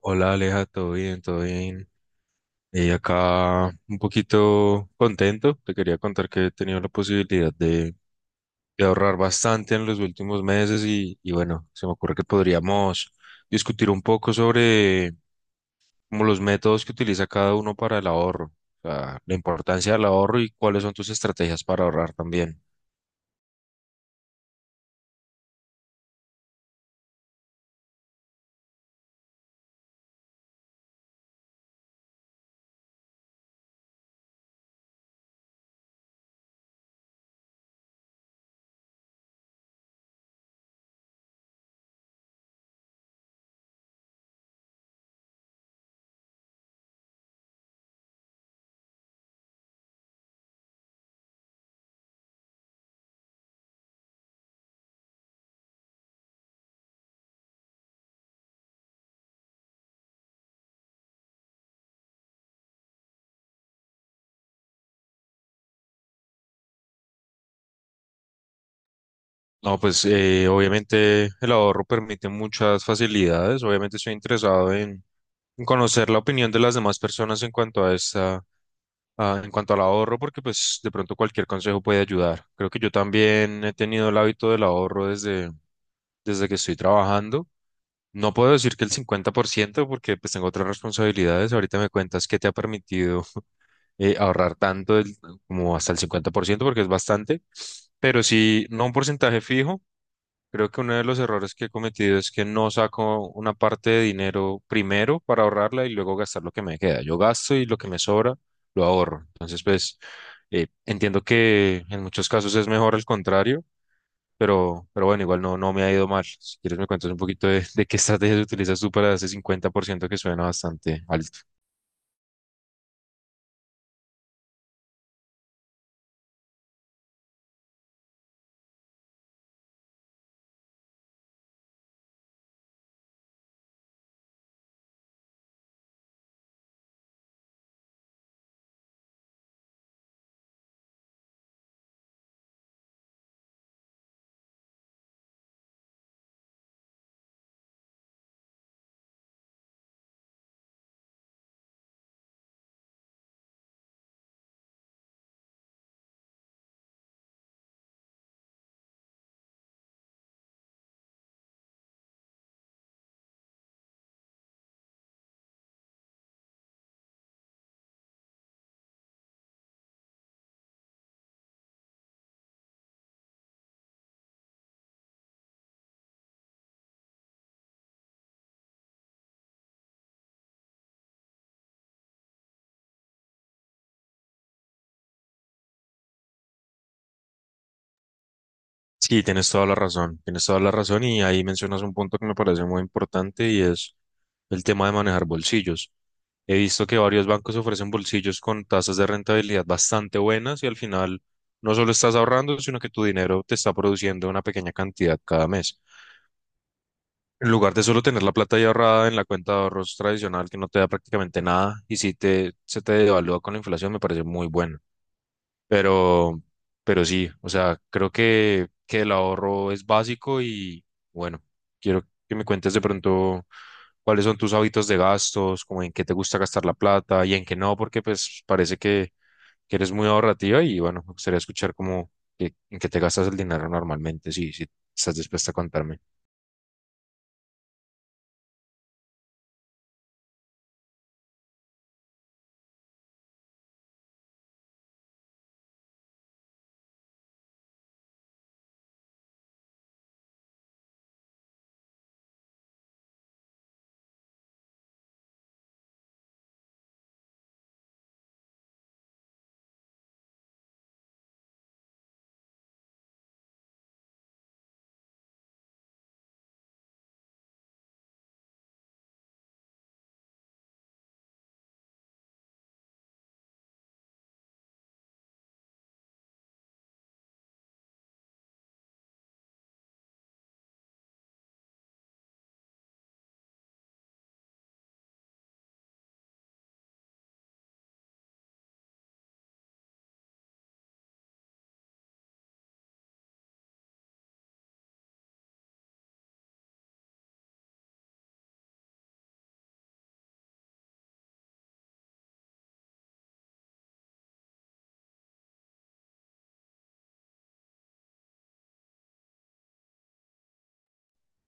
Hola Aleja, todo bien, todo bien. Y acá un poquito contento. Te quería contar que he tenido la posibilidad de ahorrar bastante en los últimos meses y bueno, se me ocurre que podríamos discutir un poco sobre como los métodos que utiliza cada uno para el ahorro, o sea, la importancia del ahorro y cuáles son tus estrategias para ahorrar también. No, pues obviamente el ahorro permite muchas facilidades. Obviamente estoy interesado en conocer la opinión de las demás personas en cuanto a esta en cuanto al ahorro, porque pues de pronto cualquier consejo puede ayudar. Creo que yo también he tenido el hábito del ahorro desde que estoy trabajando. No puedo decir que el 50%, porque pues tengo otras responsabilidades. Ahorita me cuentas qué te ha permitido ahorrar tanto como hasta el 50%, porque es bastante, pero sí, no un porcentaje fijo. Creo que uno de los errores que he cometido es que no saco una parte de dinero primero para ahorrarla y luego gastar lo que me queda. Yo gasto y lo que me sobra lo ahorro. Entonces, pues, entiendo que en muchos casos es mejor el contrario, pero bueno, igual no, no me ha ido mal. Si quieres me cuentas un poquito de qué estrategias utilizas tú para ese 50% que suena bastante alto. Sí, tienes toda la razón, tienes toda la razón y ahí mencionas un punto que me parece muy importante y es el tema de manejar bolsillos. He visto que varios bancos ofrecen bolsillos con tasas de rentabilidad bastante buenas y al final no solo estás ahorrando, sino que tu dinero te está produciendo una pequeña cantidad cada mes. En lugar de solo tener la plata ahí ahorrada en la cuenta de ahorros tradicional que no te da prácticamente nada y si te, se te devalúa con la inflación, me parece muy bueno. Pero, pero sí, o sea, que el ahorro es básico y bueno, quiero que me cuentes de pronto cuáles son tus hábitos de gastos, como en qué te gusta gastar la plata y en qué no, porque pues que eres muy ahorrativa y bueno, me gustaría escuchar como en qué te gastas el dinero normalmente, si estás dispuesta a contarme.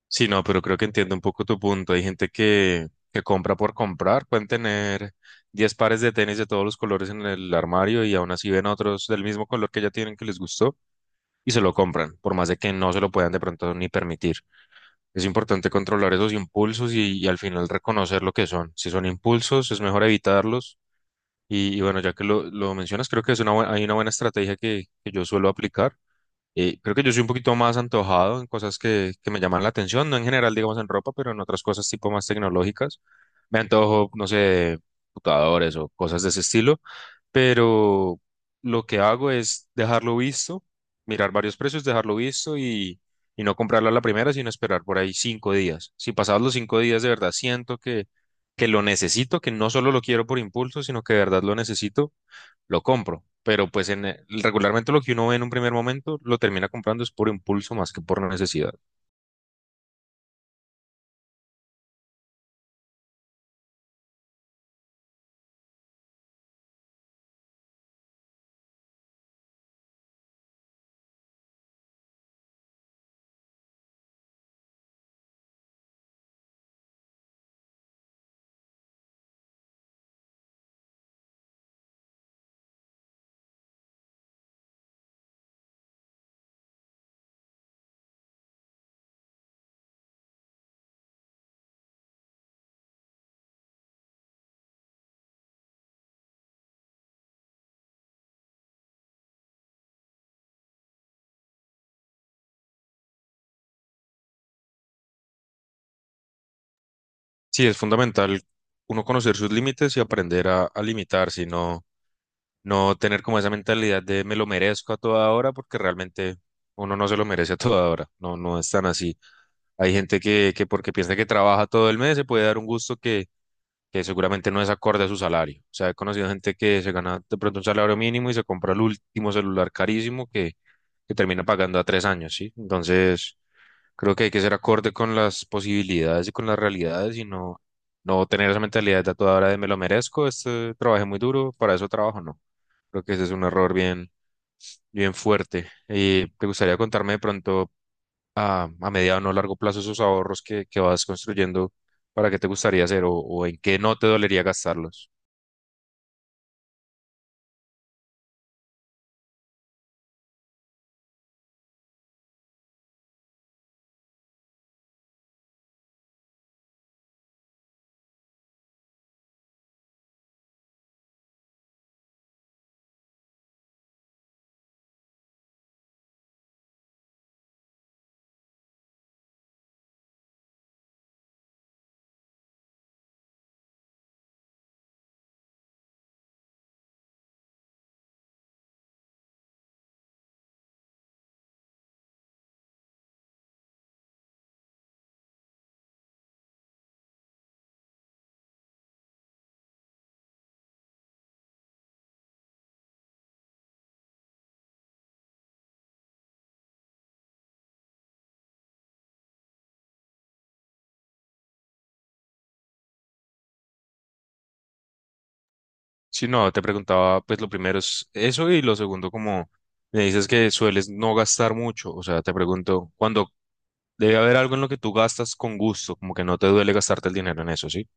Sí, no, pero creo que entiendo un poco tu punto. Hay gente que compra por comprar, pueden tener 10 pares de tenis de todos los colores en el armario y aún así ven otros del mismo color que ya tienen que les gustó y se lo compran, por más de que no se lo puedan de pronto ni permitir. Es importante controlar esos impulsos y al final reconocer lo que son. Si son impulsos, es mejor evitarlos. Y bueno, ya que lo mencionas, creo que es una, hay una buena estrategia que yo suelo aplicar. Creo que yo soy un poquito más antojado en cosas que me llaman la atención, no en general, digamos, en ropa, pero en otras cosas tipo más tecnológicas. Me antojo, no sé, de computadores o cosas de ese estilo, pero lo que hago es dejarlo visto, mirar varios precios, dejarlo visto y no comprarlo a la primera, sino esperar por ahí 5 días. Si pasados los 5 días de verdad siento que lo necesito, que no solo lo quiero por impulso, sino que de verdad lo necesito, lo compro. Pero pues en regularmente lo que uno ve en un primer momento lo termina comprando es por impulso más que por necesidad. Sí, es fundamental uno conocer sus límites y aprender a limitarse, no, no tener como esa mentalidad de me lo merezco a toda hora porque realmente uno no se lo merece a toda hora. No, no es tan así. Hay gente que porque piensa que trabaja todo el mes se puede dar un gusto que seguramente no es acorde a su salario. O sea, he conocido gente que se gana de pronto un salario mínimo y se compra el último celular carísimo que termina pagando a 3 años, ¿sí? Entonces, creo que hay que ser acorde con las posibilidades y con las realidades y no, no tener esa mentalidad de a toda hora de me lo merezco, este, trabajé muy duro, para eso trabajo, no. Creo que ese es un error bien, bien fuerte. ¿Y te gustaría contarme de pronto a mediano o no largo plazo esos ahorros que vas construyendo para qué te gustaría hacer o en qué no te dolería gastarlos? Si no, te preguntaba, pues lo primero es eso y lo segundo, como me dices que sueles no gastar mucho, o sea, te pregunto, cuando debe haber algo en lo que tú gastas con gusto, como que no te duele gastarte el dinero en eso, ¿sí?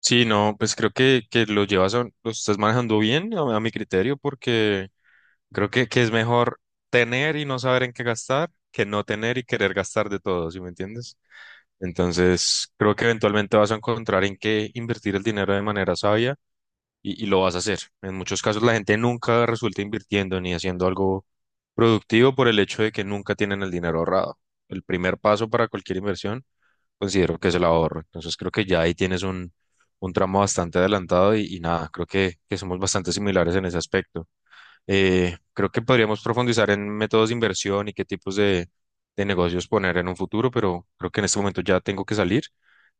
Sí, no, pues que lo llevas, lo estás manejando bien a mi criterio porque que es mejor tener y no saber en qué gastar que no tener y querer gastar de todo, ¿sí me entiendes? Entonces, creo que eventualmente vas a encontrar en qué invertir el dinero de manera sabia y lo vas a hacer. En muchos casos la gente nunca resulta invirtiendo ni haciendo algo productivo por el hecho de que nunca tienen el dinero ahorrado. El primer paso para cualquier inversión considero que es el ahorro. Entonces, creo que ya ahí tienes un tramo bastante adelantado y nada, que somos bastante similares en ese aspecto. Creo que podríamos profundizar en métodos de inversión y qué tipos de negocios poner en un futuro, pero creo que en este momento ya tengo que salir.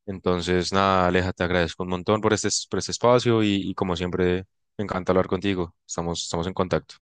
Entonces, nada, Aleja, te agradezco un montón por este espacio y como siempre, me encanta hablar contigo. Estamos, estamos en contacto.